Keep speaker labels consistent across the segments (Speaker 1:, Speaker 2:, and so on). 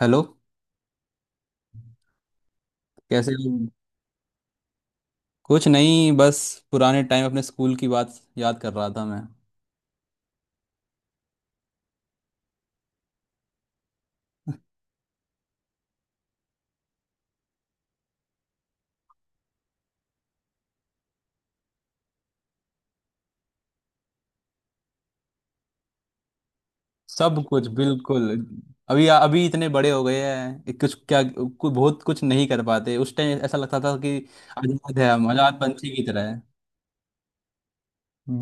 Speaker 1: Hello. कैसे हो? कुछ नहीं, बस पुराने टाइम अपने स्कूल की बात याद कर रहा था मैं। सब कुछ, बिल्कुल। अभी अभी इतने बड़े हो गए हैं, एक कुछ क्या कुछ बहुत कुछ नहीं कर पाते। उस टाइम ऐसा लगता था कि आजाद है हम, आजाद पंछी की तरह है।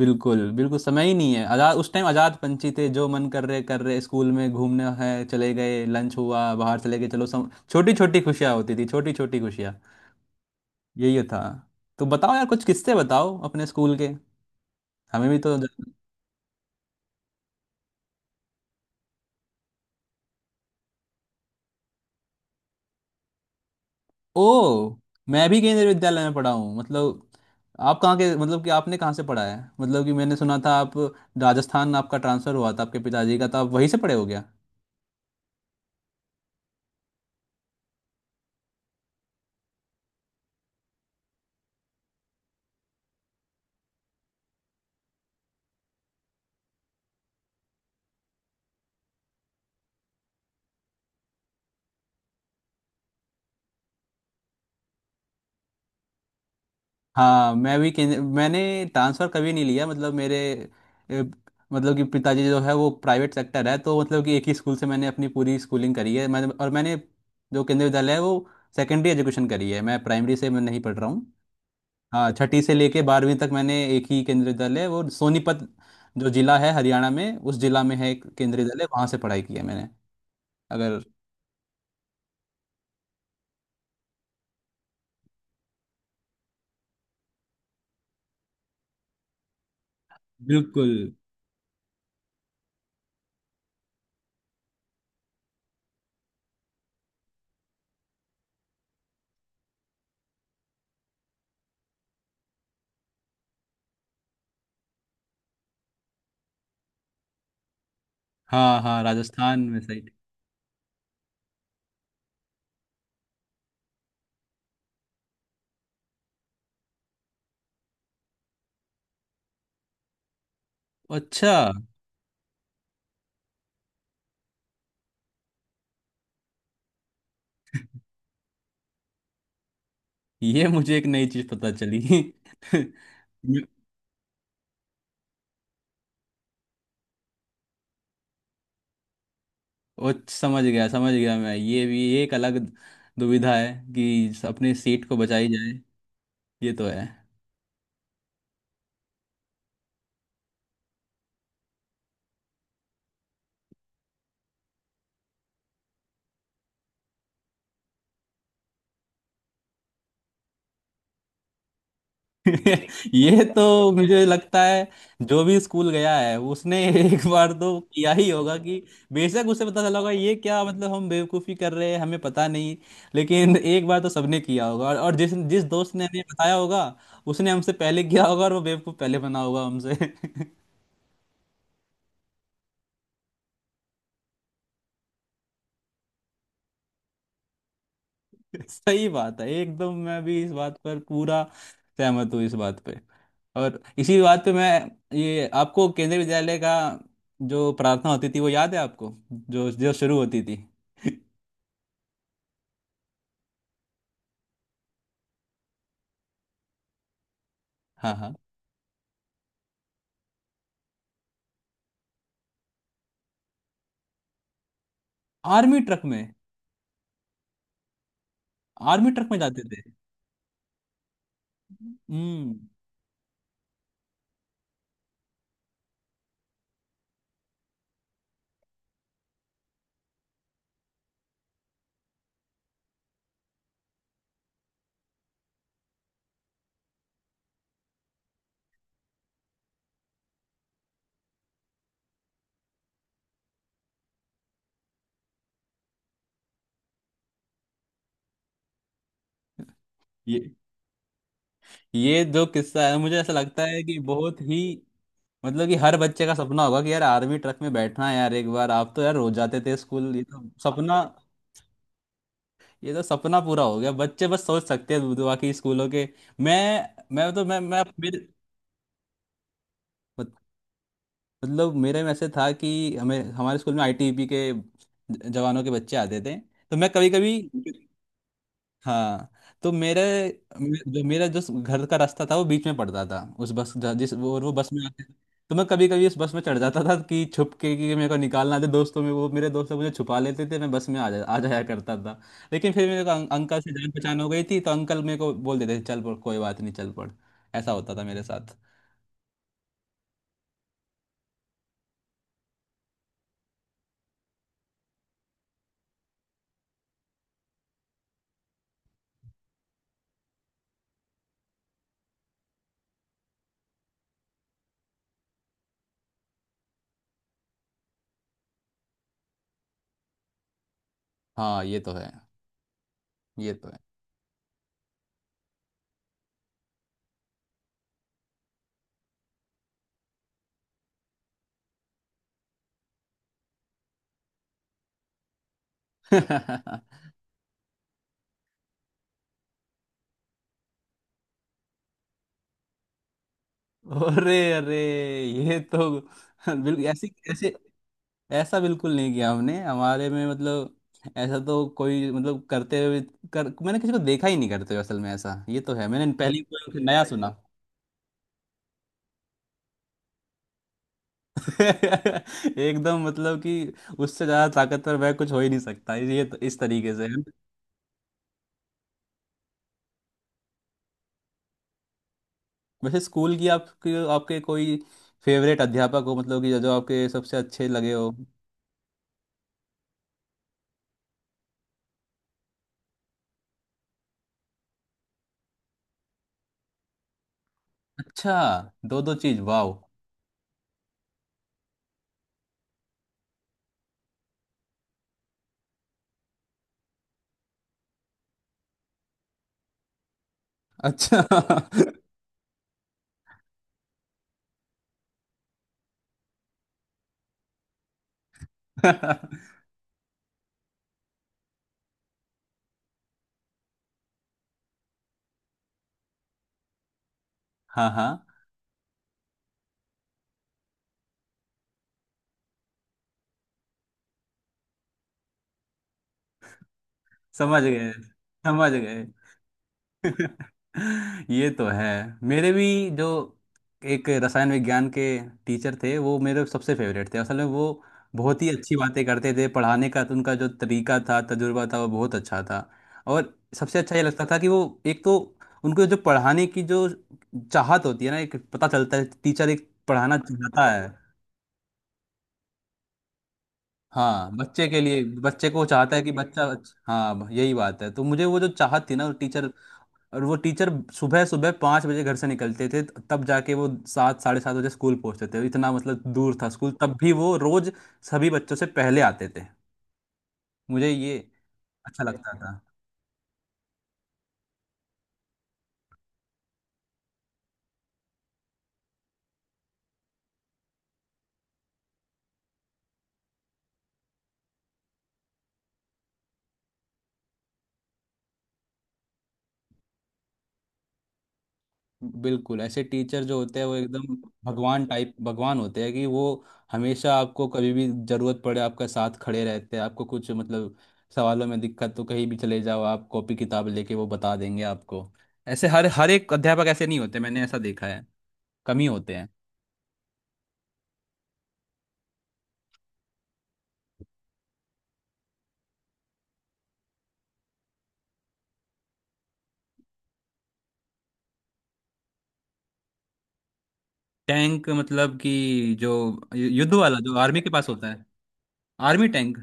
Speaker 1: बिल्कुल बिल्कुल, समय ही नहीं है। आजाद, उस टाइम आजाद पंछी थे, जो मन कर रहे कर रहे, स्कूल में घूमने है चले गए, लंच हुआ बाहर चले गए। चलो सम, छोटी छोटी खुशियाँ होती थी, छोटी छोटी खुशियाँ। यही था। तो बताओ यार, कुछ किस्से बताओ अपने स्कूल के, हमें भी तो। ओ। मैं भी केंद्रीय विद्यालय में पढ़ा हूँ। मतलब, आप कहाँ के? मतलब कि आपने कहाँ से पढ़ा है? मतलब कि मैंने सुना था आप राजस्थान, आपका ट्रांसफ़र हुआ था आपके पिताजी का, तो आप वहीं से पढ़े हो गया। हाँ, मैं भी केंद्र मैंने ट्रांसफ़र कभी नहीं लिया। मतलब मेरे ए, मतलब कि पिताजी जो है वो प्राइवेट सेक्टर है, तो मतलब कि एक ही स्कूल से मैंने अपनी पूरी स्कूलिंग करी है मैंने, और मैंने जो केंद्रीय विद्यालय है वो सेकेंडरी एजुकेशन करी है। मैं प्राइमरी से मैं नहीं पढ़ रहा हूँ। हाँ, छठी से लेके 12वीं तक मैंने एक ही केंद्रीय दल है, वो सोनीपत जो जिला है हरियाणा में, उस जिला में है एक केंद्रीय दल है, वहां से पढ़ाई की है मैंने। अगर। बिल्कुल। हाँ हाँ, राजस्थान में साइड। अच्छा। ये मुझे एक नई चीज पता चली। ओ, समझ गया समझ गया। मैं, ये भी एक अलग दुविधा है कि अपने सीट को बचाई जाए। ये तो है। ये तो मुझे लगता है जो भी स्कूल गया है उसने एक बार तो किया ही होगा कि बेशक उसे पता चला होगा ये क्या, मतलब हम बेवकूफ़ी कर रहे हैं, हमें पता नहीं। लेकिन एक बार तो सबने किया होगा, और जिस जिस दोस्त ने हमें बताया होगा उसने हमसे पहले किया होगा, और वो बेवकूफ़ पहले बना होगा हमसे। सही बात है एकदम। मैं भी इस बात पर पूरा सहमत हूँ, इस बात पे। और इसी बात पे मैं, ये आपको केंद्रीय विद्यालय का जो प्रार्थना होती थी वो याद है आपको, जो जो शुरू होती थी? हाँ हाँ, आर्मी ट्रक में? आर्मी ट्रक में जाते थे। हम्म। ये ये जो किस्सा है, मुझे ऐसा लगता है कि बहुत ही, मतलब कि हर बच्चे का सपना होगा कि यार आर्मी ट्रक में बैठना है, यार एक बार, आप तो यार रोज जाते थे स्कूल। ये तो सपना पूरा हो गया, बच्चे बस सोच सकते हैं बाकी स्कूलों के। मैं मैं तो मैं मेरे मत- मतलब मेरे में ऐसे था कि हमें हमारे स्कूल में आईटीबीपी के जवानों के बच्चे आते थे, तो मैं कभी कभी। हाँ, तो जो मेरा जो घर का रास्ता था वो बीच में पड़ता था, उस बस जिस वो और वो बस में आते थे। तो मैं कभी कभी उस बस में चढ़ जाता था कि छुप के, कि मेरे को निकालना थे दोस्तों में वो, मेरे दोस्त लोग मुझे छुपा लेते थे, मैं बस में आ जाया करता था। लेकिन फिर मेरे को अंकल से जान पहचान हो गई थी, तो अंकल मेरे को बोल देते थे, चल पढ़ कोई बात नहीं, चल पढ़। ऐसा होता था मेरे साथ। हाँ, ये तो है, ये तो है। अरे अरे, ये तो बिल्कुल ऐसी ऐसे ऐसा, बिल्कुल नहीं किया हमने हमारे में, मतलब ऐसा तो कोई, मतलब करते हुए कर मैंने किसी को देखा ही नहीं करते हुए, असल में ऐसा, ये तो है, मैंने पहली बार नया सुना। एकदम, मतलब कि उससे ज़्यादा ताकतवर वह कुछ हो ही नहीं सकता। ये तो इस तरीके से है। वैसे स्कूल की, आपके आपके कोई फेवरेट अध्यापक हो, मतलब कि जो आपके सबसे अच्छे लगे हो? अच्छा, दो दो चीज, वाह। अच्छा। हाँ हाँ। समझ गए, समझ गए। ये तो है। मेरे भी जो एक रसायन विज्ञान के टीचर थे, वो मेरे सबसे फेवरेट थे। असल में वो बहुत ही अच्छी बातें करते थे। पढ़ाने का तो उनका जो तरीका था, तजुर्बा था, वो बहुत अच्छा था। और सबसे अच्छा ये लगता था कि वो एक तो, उनको जो पढ़ाने की जो चाहत होती है ना, एक पता चलता है टीचर एक पढ़ाना चाहता है। हाँ, बच्चे के लिए, बच्चे को चाहता है, बच्चे कि के लिए बच्चा हाँ यही बात है, तो मुझे वो जो चाहत थी ना, वो टीचर। और वो टीचर सुबह सुबह 5 बजे घर से निकलते थे, तब जाके वो 7 साढ़े 7 बजे स्कूल पहुंचते थे। इतना मतलब दूर था स्कूल, तब भी वो रोज सभी बच्चों से पहले आते थे। मुझे ये अच्छा लगता था। बिल्कुल, ऐसे टीचर जो होते हैं वो एकदम भगवान टाइप, भगवान होते हैं कि वो हमेशा आपको, कभी भी जरूरत पड़े आपका साथ खड़े रहते हैं। आपको कुछ, मतलब सवालों में दिक्कत तो कहीं भी चले जाओ आप कॉपी किताब लेके, वो बता देंगे आपको। ऐसे हर हर एक अध्यापक ऐसे नहीं होते, मैंने ऐसा देखा है, कम ही होते हैं। टैंक? मतलब कि जो युद्ध वाला जो आर्मी के पास होता है? Army tank.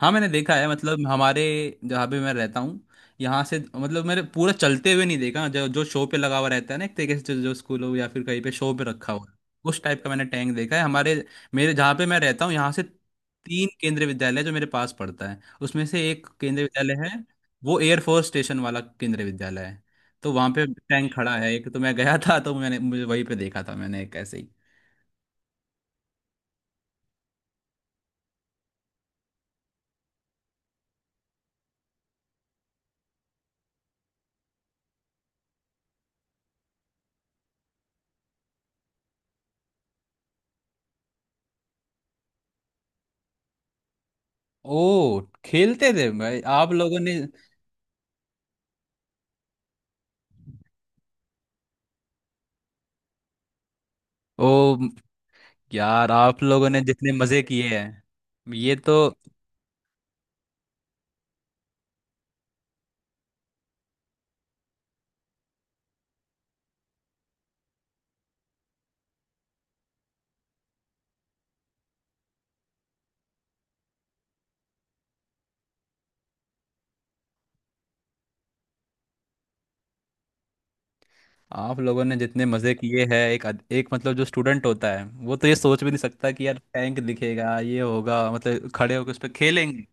Speaker 1: हाँ मैंने देखा है, मतलब हमारे, जहाँ पे मैं रहता हूँ यहाँ से, मतलब मैंने पूरा चलते हुए नहीं देखा। जो जो शो पे लगा हुआ रहता है ना, एक तरीके से जो स्कूलों या फिर कहीं पे शो पे रखा हुआ है। उस टाइप का मैंने टैंक देखा है, हमारे मेरे जहाँ पे मैं रहता हूँ यहाँ से तीन केंद्रीय विद्यालय जो मेरे पास पड़ता है, उसमें से एक केंद्रीय विद्यालय है। वो एयरफोर्स स्टेशन वाला केंद्रीय विद्यालय है, तो वहां पे टैंक खड़ा है एक, तो मैं गया था तो मैंने मुझे वहीं पे देखा था, मैंने एक ऐसे ही। ओ, खेलते थे भाई आप लोगों ने? ओ यार, आप लोगों ने जितने मजे किए हैं, ये तो। आप लोगों ने जितने मजे किए हैं, एक, मतलब जो स्टूडेंट होता है वो तो ये सोच भी नहीं सकता कि यार टैंक दिखेगा, ये होगा, मतलब खड़े होकर उस पर खेलेंगे।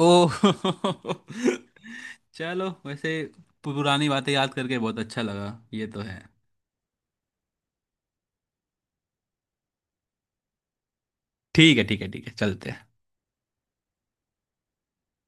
Speaker 1: ओ। चलो वैसे पुरानी बातें याद करके बहुत अच्छा लगा। ये तो है। ठीक है, ठीक है, ठीक है, चलते हैं।